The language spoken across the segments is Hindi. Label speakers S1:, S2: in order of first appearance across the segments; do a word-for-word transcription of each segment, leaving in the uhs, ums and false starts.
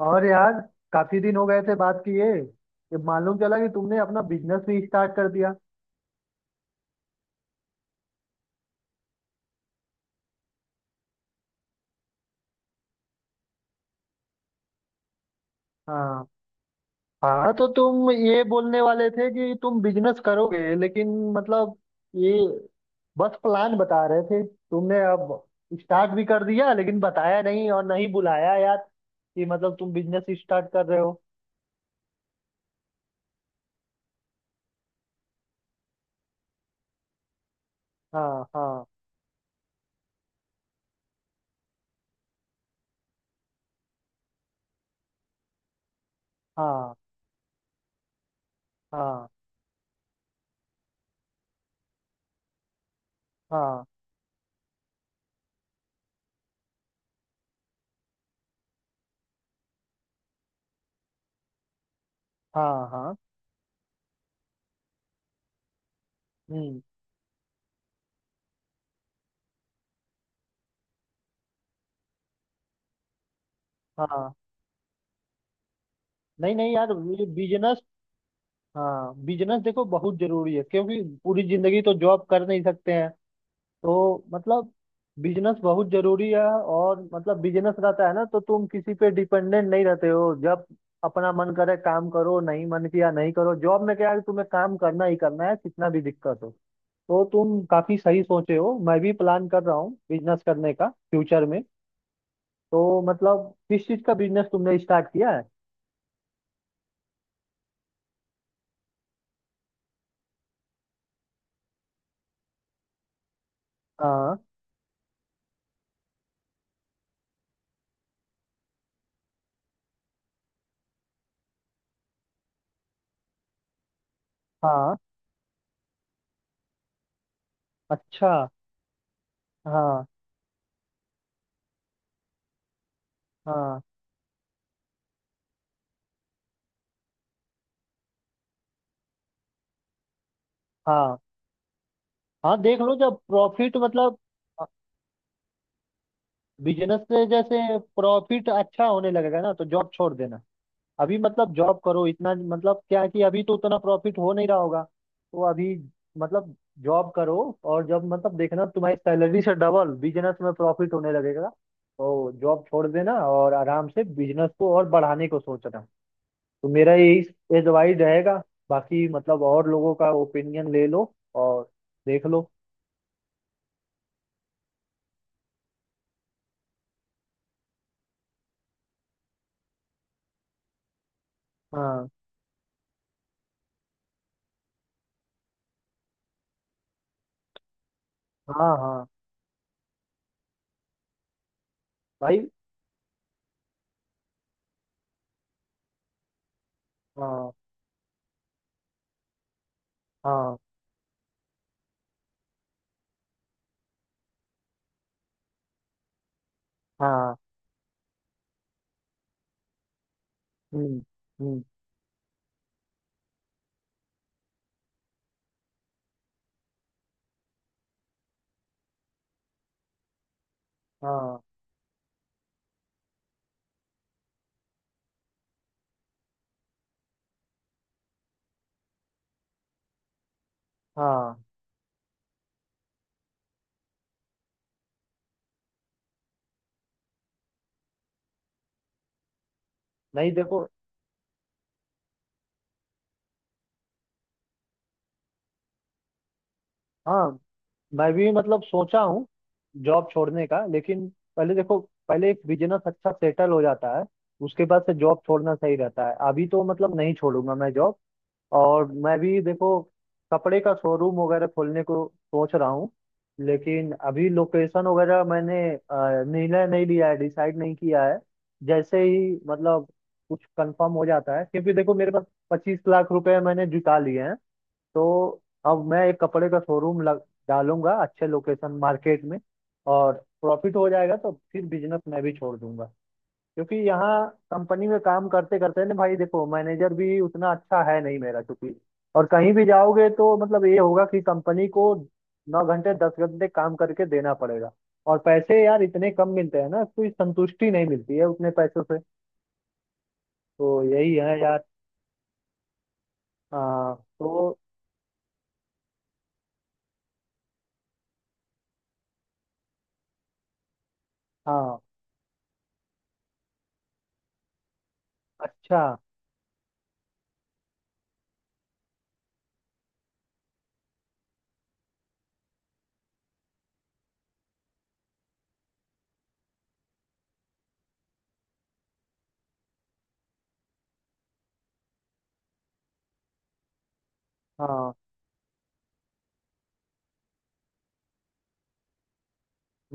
S1: और यार काफी दिन हो गए थे बात किए। ये मालूम चला कि तुमने अपना बिजनेस भी स्टार्ट कर दिया। हाँ, हाँ तो तुम ये बोलने वाले थे कि तुम बिजनेस करोगे, लेकिन मतलब ये बस प्लान बता रहे थे। तुमने अब स्टार्ट भी कर दिया लेकिन बताया नहीं और नहीं बुलाया यार कि मतलब तुम बिजनेस स्टार्ट कर रहे हो। हाँ, हाँ। हाँ। हाँ, हाँ। हाँ, हाँ। हम्म। हाँ। नहीं नहीं यार, ये बिजनेस, हाँ बिजनेस देखो बहुत जरूरी है क्योंकि पूरी जिंदगी तो जॉब कर नहीं सकते हैं। तो मतलब बिजनेस बहुत जरूरी है और मतलब बिजनेस रहता है ना तो तुम किसी पे डिपेंडेंट नहीं रहते हो। जब अपना मन करे काम करो, नहीं मन किया नहीं करो। जॉब में क्या है कि तुम्हें काम करना ही करना है, कितना भी दिक्कत हो। तो तुम काफी सही सोचे हो, मैं भी प्लान कर रहा हूँ बिजनेस करने का फ्यूचर में। तो मतलब किस चीज का बिजनेस तुमने स्टार्ट किया है? हाँ। हाँ। अच्छा। हाँ। हाँ। हाँ। हाँ देख लो। जब प्रॉफिट मतलब बिजनेस से जैसे प्रॉफिट अच्छा होने लगेगा ना तो जॉब छोड़ देना। अभी मतलब जॉब करो। इतना मतलब क्या है कि अभी तो उतना प्रॉफिट हो नहीं रहा होगा, तो अभी मतलब जॉब करो। और जब मतलब देखना तुम्हारी सैलरी से डबल बिजनेस में प्रॉफिट होने लगेगा तो जॉब छोड़ देना और आराम से बिजनेस को और बढ़ाने को सोचना। तो मेरा यही एडवाइस रहेगा। बाकी मतलब और लोगों का ओपिनियन ले लो और देख लो। हाँ, हाँ। हाँ। भाई। हाँ। हाँ, हाँ। हम्म, हम्म। हाँ, हाँ। नहीं देखो, हाँ मैं भी मतलब सोचा हूँ जॉब छोड़ने का, लेकिन पहले देखो, पहले एक बिजनेस अच्छा सेटल हो जाता है उसके बाद से जॉब छोड़ना सही रहता है। अभी तो मतलब नहीं छोड़ूंगा मैं जॉब। और मैं भी देखो, कपड़े का शोरूम वगैरह खोलने को सोच रहा हूँ, लेकिन अभी लोकेशन वगैरह मैंने अ, निर्णय नहीं लिया है, डिसाइड नहीं किया है। जैसे ही मतलब कुछ कंफर्म हो जाता है, क्योंकि देखो मेरे पास पच्चीस लाख रुपए मैंने जुटा लिए हैं। तो अब मैं एक कपड़े का शोरूम लग डालूंगा अच्छे लोकेशन मार्केट में। और प्रॉफिट हो जाएगा तो फिर बिजनेस मैं भी छोड़ दूंगा। क्योंकि यहाँ कंपनी में काम करते करते ना भाई देखो मैनेजर भी उतना अच्छा है नहीं मेरा, क्योंकि और कहीं भी जाओगे तो मतलब ये होगा कि कंपनी को नौ घंटे दस घंटे काम करके देना पड़ेगा। और पैसे यार इतने कम मिलते हैं ना, कोई संतुष्टि नहीं मिलती है उतने पैसों से। तो यही है यार। हाँ तो। हाँ। अच्छा। हाँ।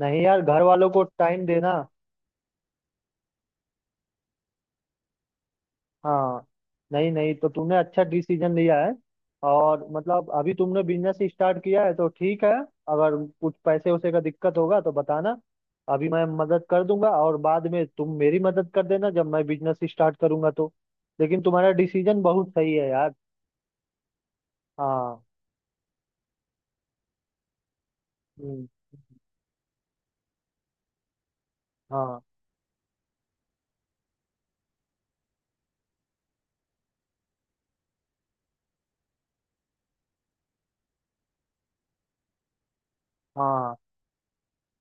S1: नहीं यार, घर वालों को टाइम देना। हाँ। नहीं नहीं, तो तुमने अच्छा डिसीजन लिया है और मतलब अभी तुमने बिजनेस स्टार्ट किया है तो ठीक है। अगर कुछ पैसे वैसे का दिक्कत होगा तो बताना, अभी मैं मदद कर दूंगा और बाद में तुम मेरी मदद कर देना जब मैं बिजनेस स्टार्ट करूंगा तो। लेकिन तुम्हारा डिसीजन बहुत सही है यार। हाँ। हम्म। हाँ। हाँ।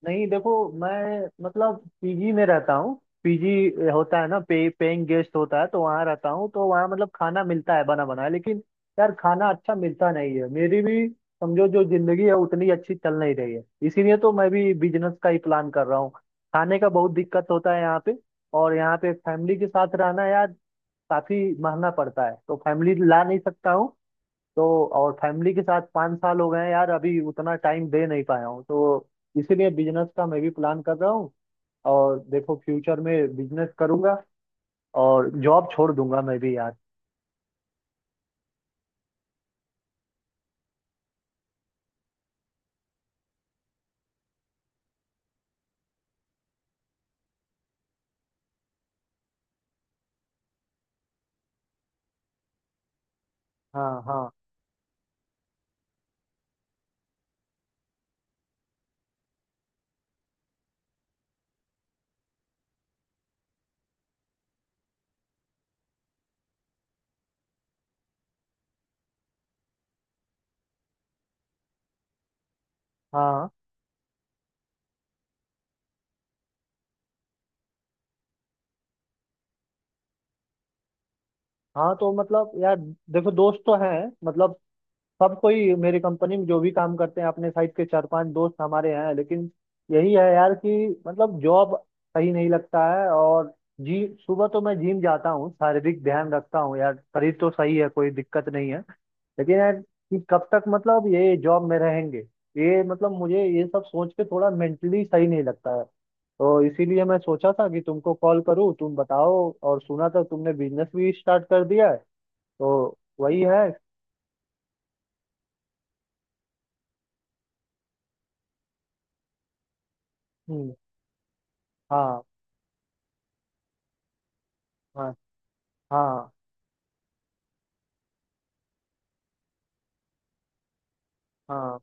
S1: नहीं देखो, मैं मतलब पी जी में रहता हूँ। पी जी होता है ना, पे पेइंग गेस्ट होता है, तो वहाँ रहता हूँ। तो वहाँ मतलब खाना मिलता है बना बनाया, लेकिन यार खाना अच्छा मिलता नहीं है। मेरी भी समझो जो जिंदगी है उतनी अच्छी चल नहीं रही है, इसीलिए तो मैं भी बिजनेस का ही प्लान कर रहा हूँ। खाने का बहुत दिक्कत होता है यहाँ पे। और यहाँ पे फैमिली के साथ रहना यार काफी महंगा पड़ता है, तो फैमिली ला नहीं सकता हूँ तो। और फैमिली के साथ पाँच साल हो गए हैं यार, अभी उतना टाइम दे नहीं पाया हूँ तो। इसीलिए बिजनेस का मैं भी प्लान कर रहा हूँ, और देखो फ्यूचर में बिजनेस करूंगा और जॉब छोड़ दूंगा मैं भी यार। हाँ। हाँ। हाँ। हाँ तो मतलब यार देखो, दोस्त तो हैं मतलब सब कोई मेरी कंपनी में जो भी काम करते हैं, अपने साइड के चार पांच दोस्त हमारे हैं, लेकिन यही है यार कि मतलब जॉब सही नहीं लगता है। और जी सुबह तो मैं जिम जाता हूँ, शारीरिक ध्यान रखता हूँ यार, शरीर तो सही है कोई दिक्कत नहीं है। लेकिन यार कि कब तक मतलब ये जॉब में रहेंगे, ये मतलब मुझे ये सब सोच के थोड़ा मेंटली सही नहीं लगता है। तो इसीलिए मैं सोचा था कि तुमको कॉल करूं, तुम बताओ। और सुना था तुमने बिजनेस भी स्टार्ट कर दिया है, तो वही है। हम्म। हाँ। हाँ। हाँ। हाँ।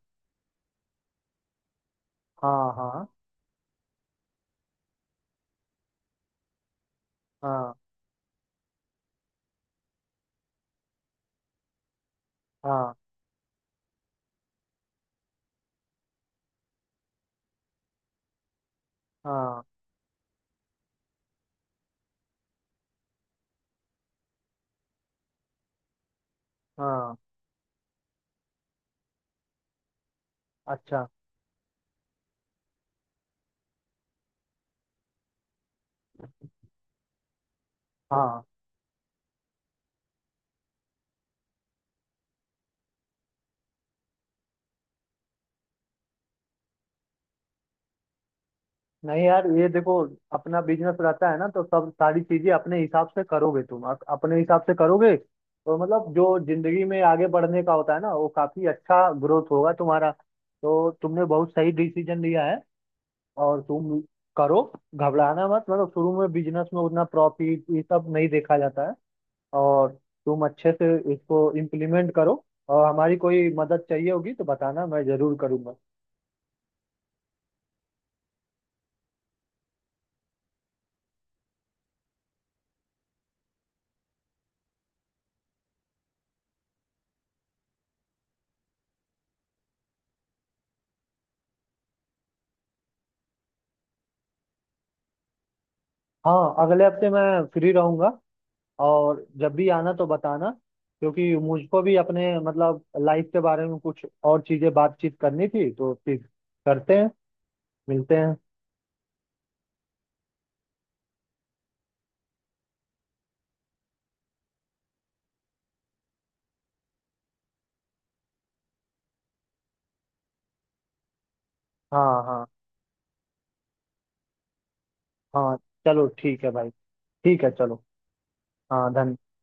S1: हाँ। हाँ। हाँ। हाँ। हाँ। हाँ अच्छा। हाँ। नहीं यार, ये देखो अपना बिजनेस रहता है ना तो सब सारी चीजें अपने हिसाब से करोगे तुम, अ- अपने हिसाब से करोगे तो मतलब जो जिंदगी में आगे बढ़ने का होता है ना, वो काफी अच्छा ग्रोथ होगा तुम्हारा। तो तुमने बहुत सही डिसीजन लिया है और तुम करो। घबराना मत, मतलब शुरू में बिजनेस में उतना प्रॉफिट ये सब नहीं देखा जाता है। और तुम अच्छे से इसको इम्प्लीमेंट करो। और हमारी कोई मदद चाहिए होगी तो बताना, मैं जरूर करूंगा। हाँ, अगले हफ्ते मैं फ्री रहूंगा, और जब भी आना तो बताना, क्योंकि मुझको भी अपने मतलब लाइफ के बारे में कुछ और चीजें बातचीत करनी थी तो फिर करते हैं, मिलते हैं। हाँ, हाँ। हाँ, चलो ठीक है भाई। ठीक है चलो। हाँ, धन्यवाद।